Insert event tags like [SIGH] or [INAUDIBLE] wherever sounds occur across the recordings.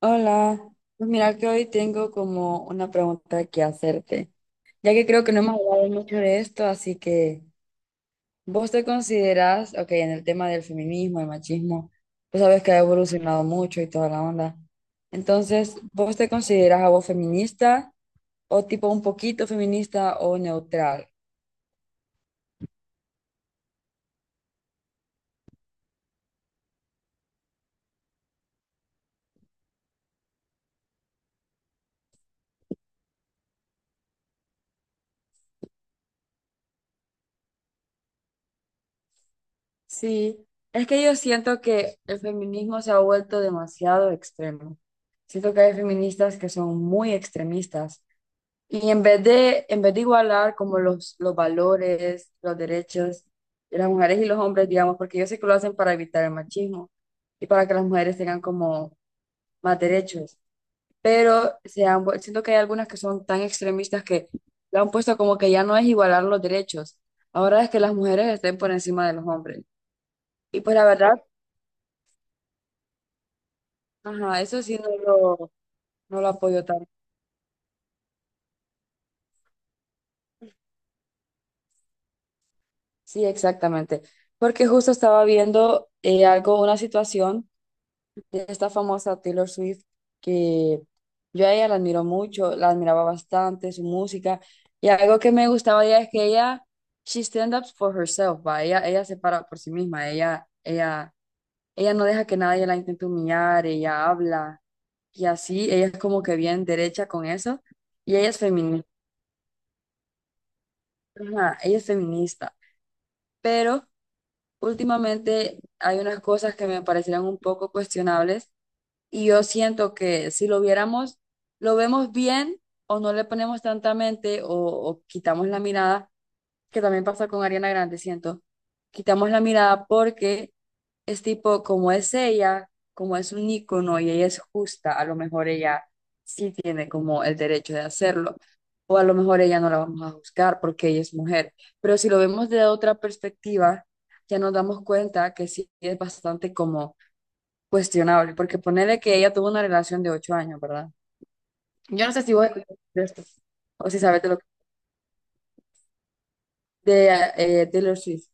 Hola. Pues mira que hoy tengo como una pregunta que hacerte, ya que creo que no hemos hablado mucho de esto, así que vos te consideras, ok, en el tema del feminismo, el machismo, pues sabes que ha evolucionado mucho y toda la onda. Entonces, ¿vos te consideras a vos feminista o tipo un poquito feminista o neutral? Sí, es que yo siento que el feminismo se ha vuelto demasiado extremo. Siento que hay feministas que son muy extremistas. Y en vez de igualar como los valores, los derechos de las mujeres y los hombres, digamos, porque yo sé que lo hacen para evitar el machismo y para que las mujeres tengan como más derechos, pero siento que hay algunas que son tan extremistas que lo han puesto como que ya no es igualar los derechos, ahora es que las mujeres estén por encima de los hombres. Y pues la verdad, ajá, eso sí no lo apoyo tanto. Sí, exactamente. Porque justo estaba viendo algo, una situación de esta famosa Taylor Swift, que yo a ella la admiro mucho, la admiraba bastante, su música, y algo que me gustaba de ella es que ella, she stand up for herself, va, ella se para por sí misma, ella, ella no deja que nadie la intente humillar, ella habla, y así, ella es como que bien derecha con eso, y ella es feminista, pero últimamente hay unas cosas que me parecieron un poco cuestionables. Y yo siento que si lo viéramos, lo vemos bien o no le ponemos tanta mente o quitamos la mirada, que también pasa con Ariana Grande, siento. Quitamos la mirada porque es tipo, como es ella, como es un ícono y ella es justa, a lo mejor ella sí tiene como el derecho de hacerlo, o a lo mejor ella no la vamos a juzgar porque ella es mujer. Pero si lo vemos de otra perspectiva, ya nos damos cuenta que sí es bastante como cuestionable, porque ponele que ella tuvo una relación de 8 años, ¿verdad? Yo no sé si vos escuchaste de esto o si sabes de de Taylor Swift.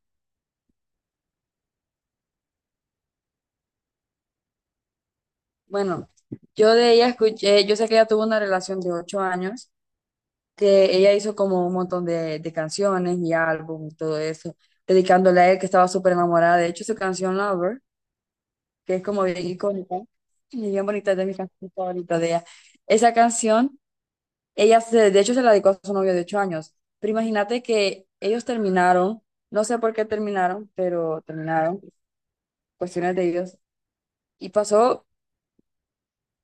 Bueno, yo de ella escuché, yo sé que ella tuvo una relación de ocho años, que ella hizo como un montón de canciones y álbum y todo eso, dedicándole a él que estaba súper enamorada. De hecho, su canción Lover, que es como bien icónica y bien bonita, es de mis canciones favoritas de ella. Esa canción. Ella, de hecho, se la dedicó a su novio de 8 años. Pero imagínate que ellos terminaron, no sé por qué terminaron, pero terminaron, cuestiones de ellos. Y pasó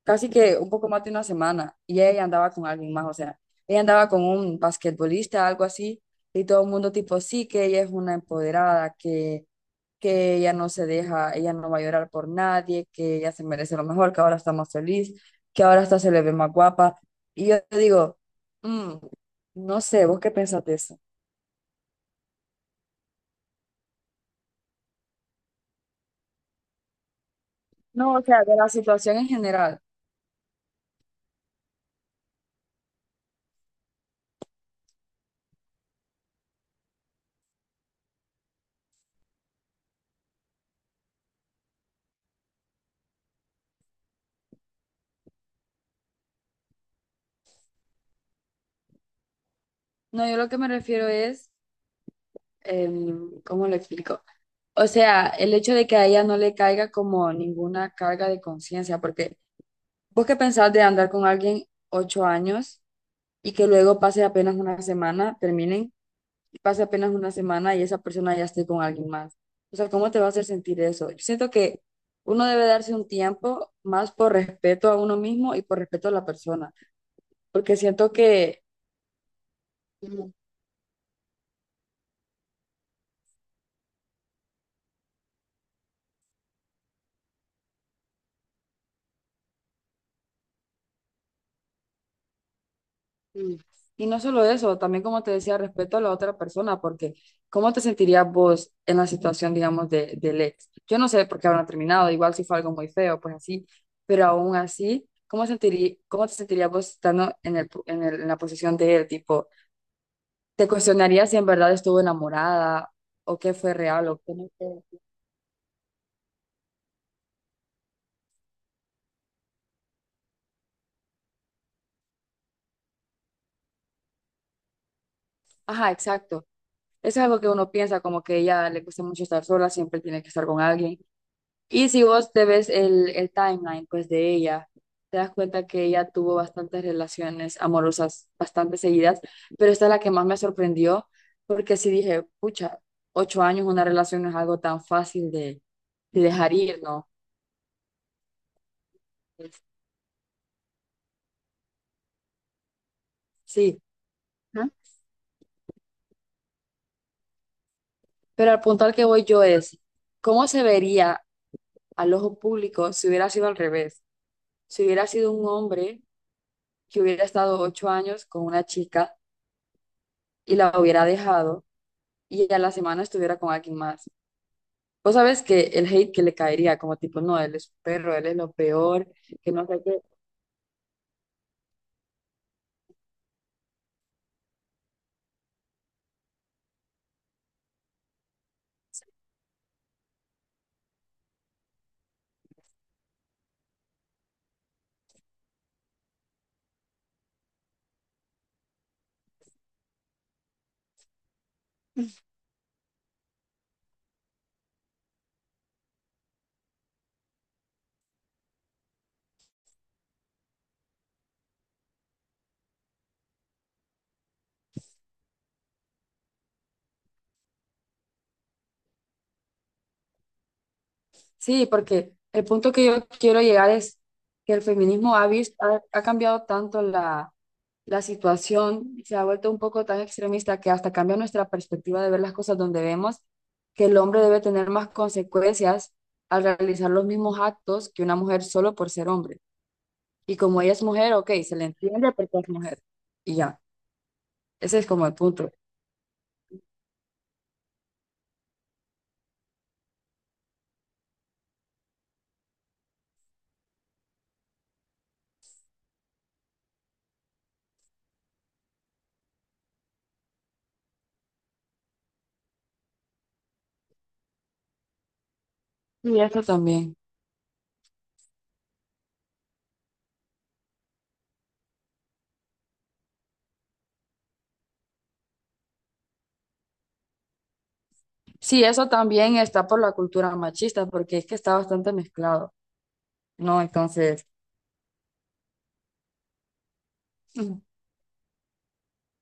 casi que un poco más de una semana y ella andaba con alguien más, o sea, ella andaba con un basquetbolista, algo así, y todo el mundo tipo, sí, que ella es una empoderada, que ella no se deja, ella no va a llorar por nadie, que ella se merece lo mejor, que ahora está más feliz, que ahora hasta se le ve más guapa. Y yo digo, "Mm, no sé, ¿vos qué pensás de eso?". No, o sea, de la situación en general. No, yo lo que me refiero es, ¿cómo lo explico? O sea, el hecho de que a ella no le caiga como ninguna carga de conciencia, porque vos qué pensás de andar con alguien 8 años y que luego pase apenas una semana, terminen, y pase apenas una semana y esa persona ya esté con alguien más. O sea, ¿cómo te va a hacer sentir eso? Yo siento que uno debe darse un tiempo más por respeto a uno mismo y por respeto a la persona, porque siento que mm, Mm. Y no solo eso, también como te decía, respeto a la otra persona, porque ¿cómo te sentirías vos en la situación, digamos, del ex? Yo no sé por qué habrán terminado, igual si fue algo muy feo, pues así, pero aún así, ¿cómo te sentirías vos estando en la posición de él? Tipo, ¿te cuestionarías si en verdad estuvo enamorada o qué fue real o qué no fue? Ajá, exacto. Eso es algo que uno piensa, como que a ella le cuesta mucho estar sola, siempre tiene que estar con alguien. Y si vos te ves el timeline, pues de ella, te das cuenta que ella tuvo bastantes relaciones amorosas, bastante seguidas, pero esta es la que más me sorprendió, porque sí dije, pucha, 8 años una relación no es algo tan fácil de dejar ir, ¿no? Es- Sí, ¿no?, pero al punto al que voy yo es, ¿cómo se vería al ojo público si hubiera sido al revés? Si hubiera sido un hombre que hubiera estado 8 años con una chica y la hubiera dejado y a la semana estuviera con alguien más. Vos sabes que el hate que le caería, como tipo, no, él es un perro, él es lo peor, que no sé qué. Sí, porque el punto que yo quiero llegar es que el feminismo ha cambiado tanto la situación, se ha vuelto un poco tan extremista que hasta cambia nuestra perspectiva de ver las cosas donde vemos que el hombre debe tener más consecuencias al realizar los mismos actos que una mujer solo por ser hombre. Y como ella es mujer, ok, se le entiende porque es mujer. Y ya, ese es como el punto. Y eso también. Sí, eso también está por la cultura machista, porque es que está bastante mezclado, ¿no? Entonces, ujú,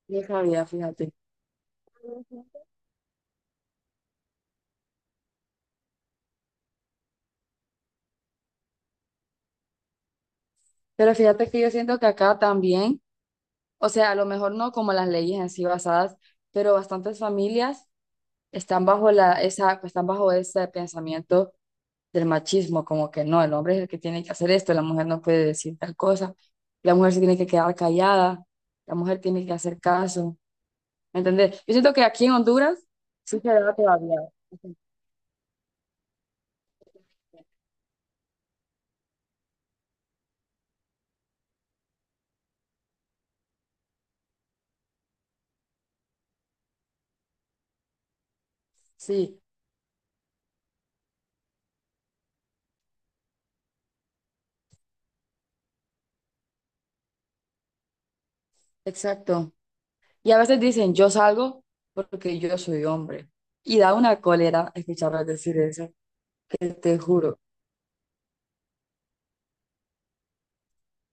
vieja vida, fíjate. Ujú. Pero fíjate que yo siento que acá también, o sea, a lo mejor no como las leyes en sí basadas, pero bastantes familias están bajo ese pensamiento del machismo, como que no, el hombre es el que tiene que hacer esto, la mujer no puede decir tal cosa, la mujer se tiene que quedar callada, la mujer tiene que hacer caso, ¿me entendés? Yo siento que aquí en Honduras sí se da todavía. Sí, exacto. Y a veces dicen, yo salgo porque yo soy hombre. Y da una cólera escucharlas decir eso, que te juro.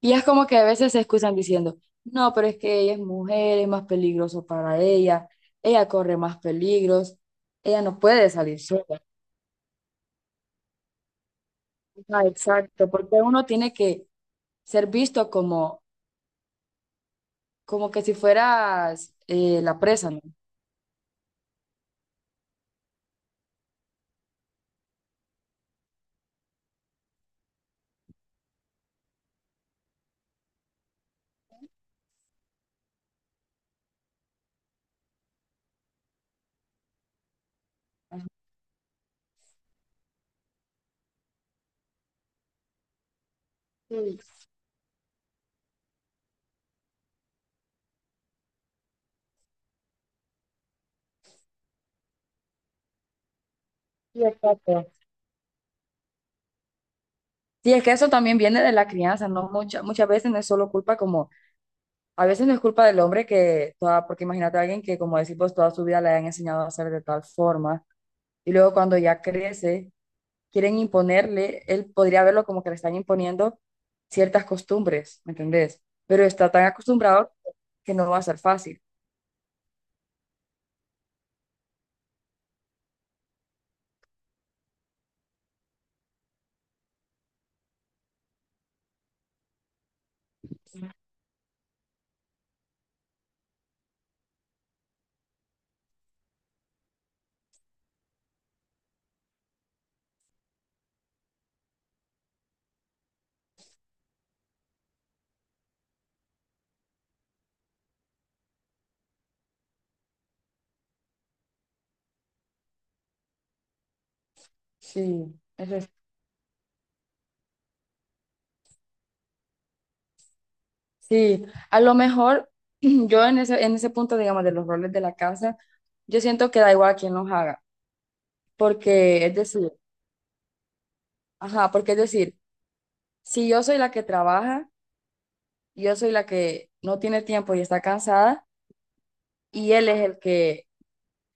Y es como que a veces se excusan diciendo, no, pero es que ella es mujer, es más peligroso para ella, ella corre más peligros, ella no puede salir sola. Ah, exacto, porque uno tiene que ser visto como, como que si fueras la presa, ¿no? Ajá. Sí, sí, exacto. Sí, es que eso también viene de la crianza, ¿no? Muchas, muchas veces no es solo culpa como, a veces no es culpa del hombre que, toda, porque imagínate a alguien que, como decir pues toda su vida le han enseñado a hacer de tal forma, y luego cuando ya crece, quieren imponerle, él podría verlo como que le están imponiendo ciertas costumbres, ¿me entendés? Pero está tan acostumbrado que no va a ser fácil. Sí, eso es- Sí, a lo mejor [CLEARS THROAT] yo en ese punto, digamos, de los roles de la casa, yo siento que da igual a quién los haga, porque es decir, Ajá, si yo soy la que trabaja, yo soy la que no tiene tiempo y está cansada, y él es el que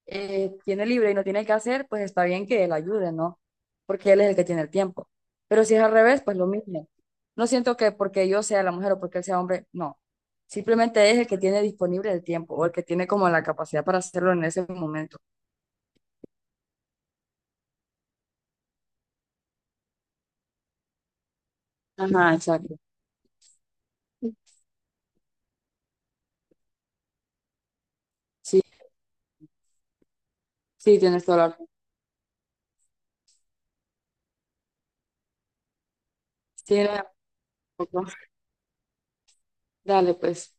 tiene libre y no tiene que hacer, pues está bien que él ayude, ¿no? Porque él es el que tiene el tiempo. Pero si es al revés, pues lo mismo. No siento que porque yo sea la mujer o porque él sea hombre, no. Simplemente es el que tiene disponible el tiempo o el que tiene como la capacidad para hacerlo en ese momento. Ajá, exacto. Sí, sí, tienes toda la razón. Sí, no, tampoco. Dale, pues.